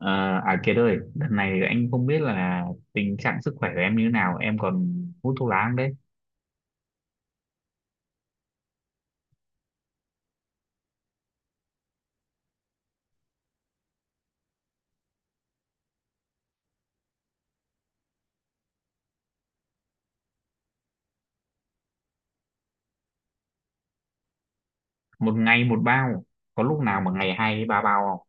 À, Kiệt ơi, đợt này anh không biết là tình trạng sức khỏe của em như thế nào, em còn hút thuốc lá không đấy? Một ngày một bao, có lúc nào mà ngày hai ba bao không?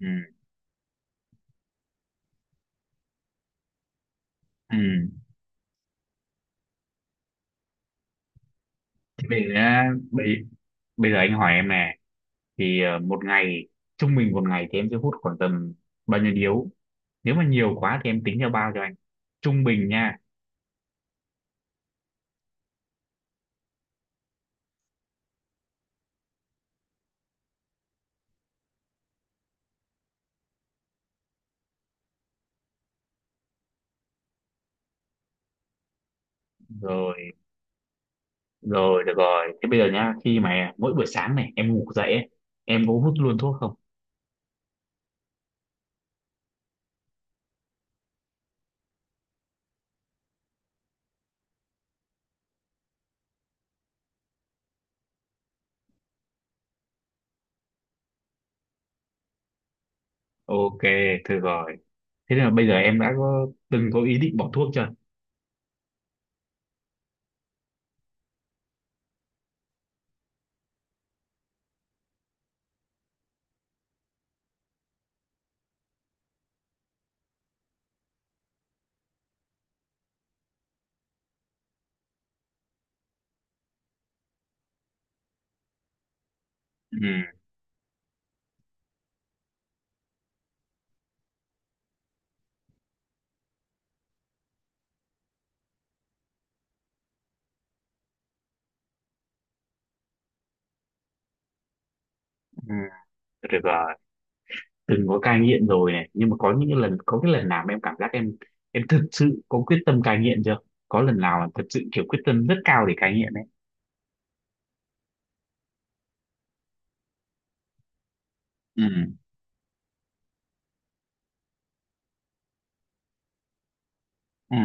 Ừ, ừ. Thế bây giờ, nhá, bây giờ anh hỏi em nè, thì một ngày, trung bình một ngày thì em sẽ hút khoảng tầm bao nhiêu điếu? Nếu mà nhiều quá thì em tính theo bao cho anh. Trung bình nha, rồi, rồi, được rồi. Thế bây giờ nha, khi mà mỗi buổi sáng này em ngủ dậy ấy, em có hút luôn thuốc không? Ok, thử rồi. Thế nên là bây giờ em đã có từng có ý định bỏ thuốc chưa? ừ, ừ. Được rồi, từng có cai nghiện rồi này nhưng mà có những cái lần, có cái lần nào mà em cảm giác em thực sự có quyết tâm cai nghiện chưa? Có lần nào mà thật sự kiểu quyết tâm rất cao để cai nghiện đấy? ừ, ừ,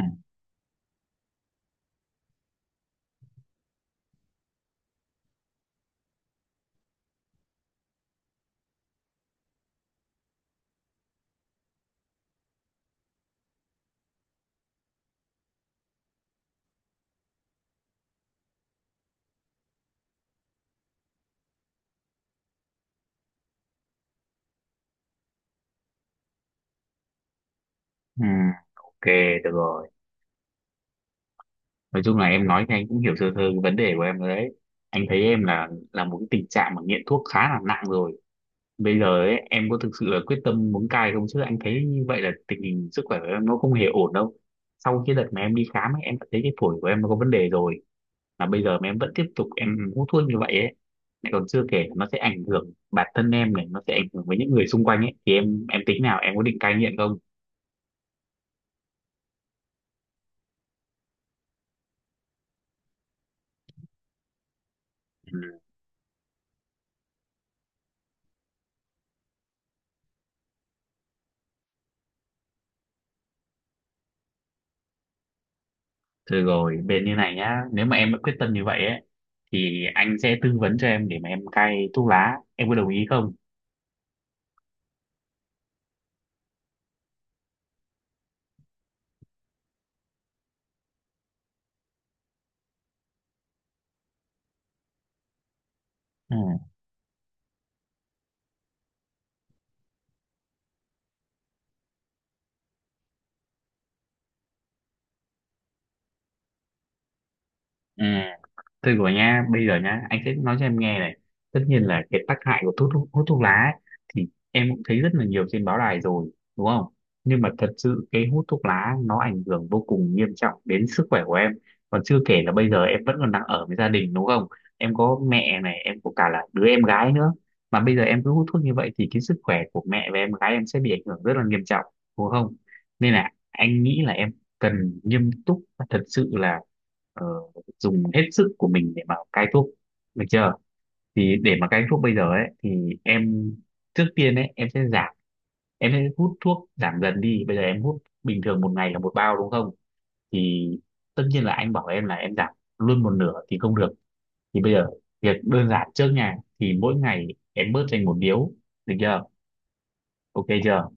ừ. Ok, được rồi. Nói chung là em nói thì anh cũng hiểu sơ sơ cái vấn đề của em rồi đấy. Anh thấy em là một cái tình trạng mà nghiện thuốc khá là nặng rồi. Bây giờ ấy, em có thực sự là quyết tâm muốn cai không, chứ anh thấy như vậy là tình hình sức khỏe của em nó không hề ổn đâu. Sau cái đợt mà em đi khám ấy, em đã thấy cái phổi của em nó có vấn đề rồi, mà bây giờ mà em vẫn tiếp tục em hút thuốc như vậy ấy, lại còn chưa kể nó sẽ ảnh hưởng bản thân em này, nó sẽ ảnh hưởng với những người xung quanh ấy, thì em tính nào em có định cai nghiện không? ừ. Thôi rồi bên như này nhá, nếu mà em đã quyết tâm như vậy ấy thì anh sẽ tư vấn cho em để mà em cai thuốc lá, em có đồng ý không? Ừ. Ừ. tôi của nha, bây giờ nha anh sẽ nói cho em nghe này. Tất nhiên là cái tác hại của thuốc thuốc, hút thuốc lá ấy, thì em cũng thấy rất là nhiều trên báo đài rồi, đúng không? Nhưng mà thật sự cái hút thuốc lá nó ảnh hưởng vô cùng nghiêm trọng đến sức khỏe của em. Còn chưa kể là bây giờ em vẫn còn đang ở với gia đình, đúng không? Em có mẹ này, em có cả là đứa em gái nữa, mà bây giờ em cứ hút thuốc như vậy thì cái sức khỏe của mẹ và em gái em sẽ bị ảnh hưởng rất là nghiêm trọng, đúng không? Nên là anh nghĩ là em cần nghiêm túc và thật sự là ờ, dùng hết sức của mình để mà cai thuốc, được chưa? Thì để mà cai thuốc bây giờ ấy thì em, trước tiên ấy em sẽ giảm, em sẽ hút thuốc giảm dần đi. Bây giờ em hút bình thường một ngày là một bao, đúng không? Thì tất nhiên là anh bảo em là em giảm luôn một nửa thì không được, thì bây giờ việc đơn giản trước nha, thì mỗi ngày em bớt thành một điếu, được chưa? Ok chưa?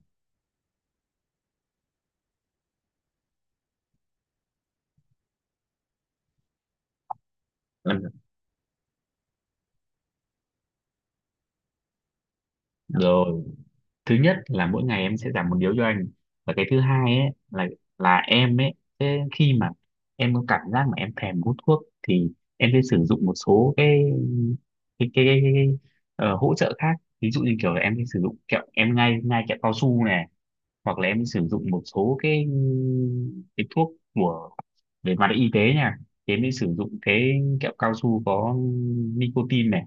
Ừ, rồi, thứ nhất là mỗi ngày em sẽ giảm một điếu cho anh, và cái thứ hai ấy là em ấy sẽ, khi mà em có cảm giác mà em thèm hút thuốc thì em sẽ sử dụng một số cái cái cái, cái, cái cái hỗ trợ khác, ví dụ như kiểu là em sẽ sử dụng kẹo em, ngay ngay kẹo cao su này, hoặc là em sử dụng một số cái thuốc của, về mặt y tế nha, thì em sẽ sử dụng cái kẹo cao su có nicotine này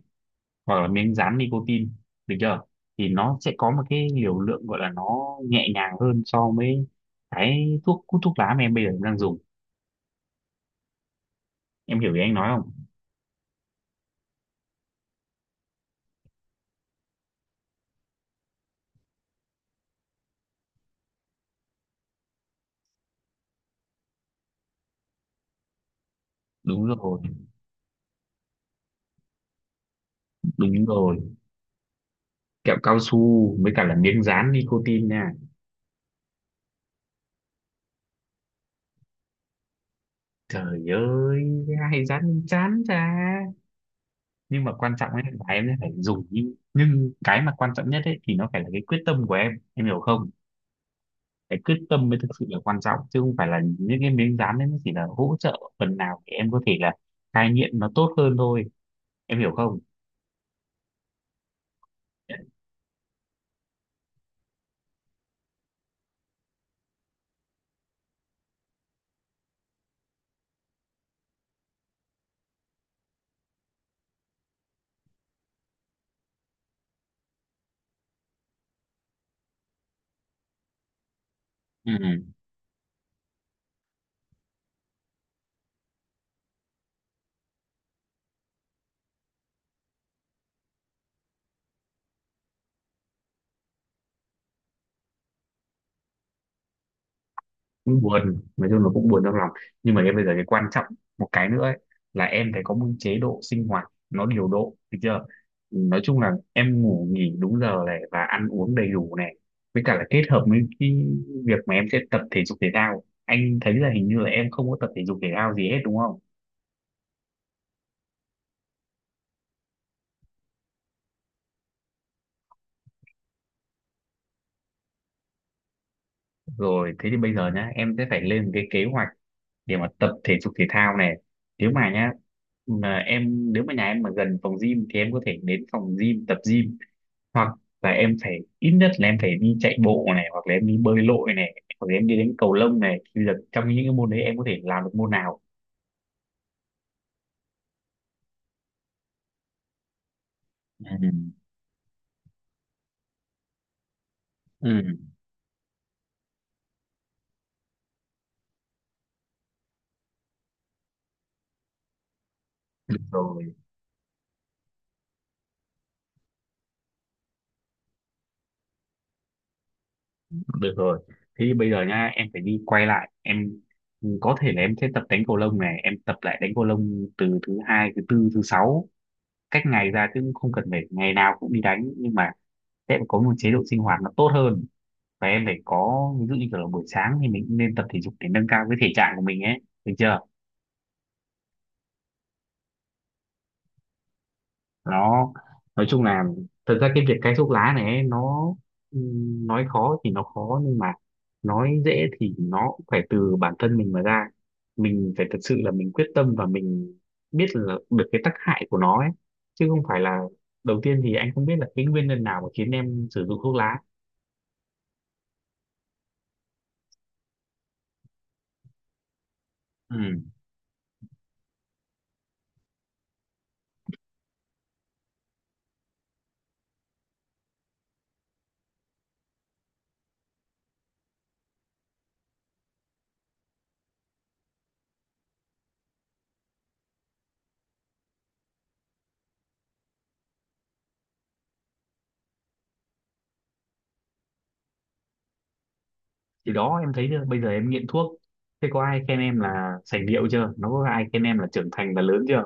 hoặc là miếng dán nicotine, được chưa? Thì nó sẽ có một cái liều lượng gọi là nó nhẹ nhàng hơn so với cái hút thuốc lá mà em bây giờ em đang dùng. Em hiểu ý anh nói không? Đúng rồi, đúng rồi, kẹo cao su với cả là miếng dán nicotine nha. Trời ơi, ai dán chán ra. Nhưng mà quan trọng ấy là em sẽ phải dùng, nhưng cái mà quan trọng nhất ấy thì nó phải là cái quyết tâm của em hiểu không? Cái quyết tâm mới thực sự là quan trọng, chứ không phải là những cái miếng dán đấy, nó chỉ là hỗ trợ phần nào để em có thể là cai nghiện nó tốt hơn thôi, em hiểu không? ừ. Cũng buồn, nói chung là cũng buồn trong lòng. Nhưng mà cái bây giờ cái quan trọng một cái nữa ấy, là em phải có một chế độ sinh hoạt nó điều độ, được chưa? Nói chung là em ngủ nghỉ đúng giờ này, và ăn uống đầy đủ này, với cả là kết hợp với cái việc mà em sẽ tập thể dục thể thao. Anh thấy là hình như là em không có tập thể dục thể thao gì hết, đúng không? Rồi, thế thì bây giờ nhá, em sẽ phải lên một cái kế hoạch để mà tập thể dục thể thao này. Nếu mà nhá, mà em nếu mà nhà em mà gần phòng gym thì em có thể đến phòng gym tập gym, hoặc là em phải ít nhất là em phải đi chạy bộ này, hoặc là em đi bơi lội này, hoặc là em đi đánh cầu lông này. Thì bây giờ trong những cái môn đấy em có thể làm được môn nào? Ừ. Ừ, được rồi, được rồi. Thế thì bây giờ nhá, em phải đi quay lại. Em có thể là em sẽ tập đánh cầu lông này, em tập lại đánh cầu lông từ thứ hai, thứ tư, thứ sáu, cách ngày ra chứ không cần phải ngày nào cũng đi đánh, nhưng mà sẽ có một chế độ sinh hoạt nó tốt hơn. Và em phải có, ví dụ như kiểu là buổi sáng thì mình cũng nên tập thể dục để nâng cao cái thể trạng của mình ấy, được chưa? Nó nói chung là, thật ra cái việc cai thuốc lá này ấy, nó nói khó thì nó khó, nhưng mà nói dễ thì nó cũng phải từ bản thân mình mà ra. Mình phải thật sự là mình quyết tâm và mình biết là được cái tác hại của nó ấy, chứ không phải là, đầu tiên thì anh không biết là cái nguyên nhân nào mà khiến em sử dụng thuốc lá. Ừ. Thì đó em thấy chưa? Bây giờ em nghiện thuốc. Thế có ai khen em là sành điệu chưa? Nó có ai khen em là trưởng thành, là lớn chưa?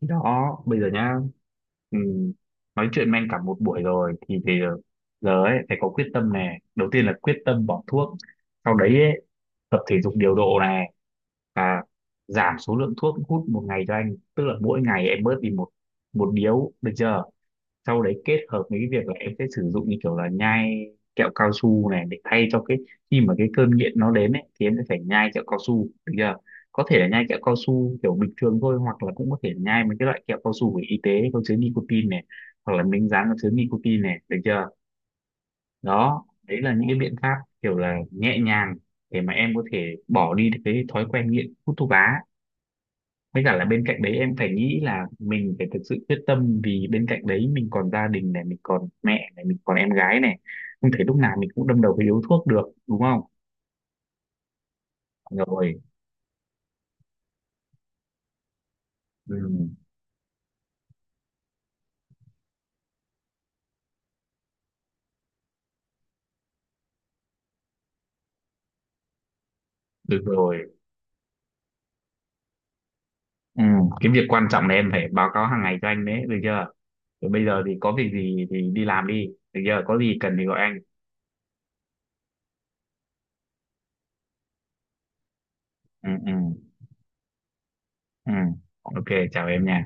Thì đó, bây giờ nhá. Ừ. Nói chuyện men cả một buổi rồi thì bây giờ, giờ ấy phải có quyết tâm này. Đầu tiên là quyết tâm bỏ thuốc. Sau đấy ấy, tập thể dục điều độ này và giảm số lượng thuốc hút một ngày cho anh. Tức là mỗi ngày em bớt đi một một điếu, được chưa? Sau đấy kết hợp với cái việc là em sẽ sử dụng như kiểu là nhai kẹo cao su này để thay cho cái, khi mà cái cơn nghiện nó đến ấy thì em sẽ phải nhai kẹo cao su, được chưa? Có thể là nhai kẹo cao su kiểu bình thường thôi, hoặc là cũng có thể nhai mấy cái loại kẹo cao su của y tế có chứa nicotine này, hoặc là miếng dán có chứa nicotine này, được chưa? Đó, đấy là những cái biện pháp kiểu là nhẹ nhàng để mà em có thể bỏ đi được cái thói quen nghiện hút thuốc lá. Với cả là bên cạnh đấy em phải nghĩ là mình phải thực sự quyết tâm, vì bên cạnh đấy mình còn gia đình này, mình còn mẹ này, mình còn em gái này. Không thể lúc nào mình cũng đâm đầu với điếu thuốc được, đúng không? rồi ừ, được rồi. ừ. Cái việc quan trọng là em phải báo cáo hàng ngày cho anh đấy, được chưa? Rồi bây giờ thì có việc gì thì đi làm đi, được chưa? Có gì cần thì gọi anh. ừ, ừ, ừ. Ok, chào em nha.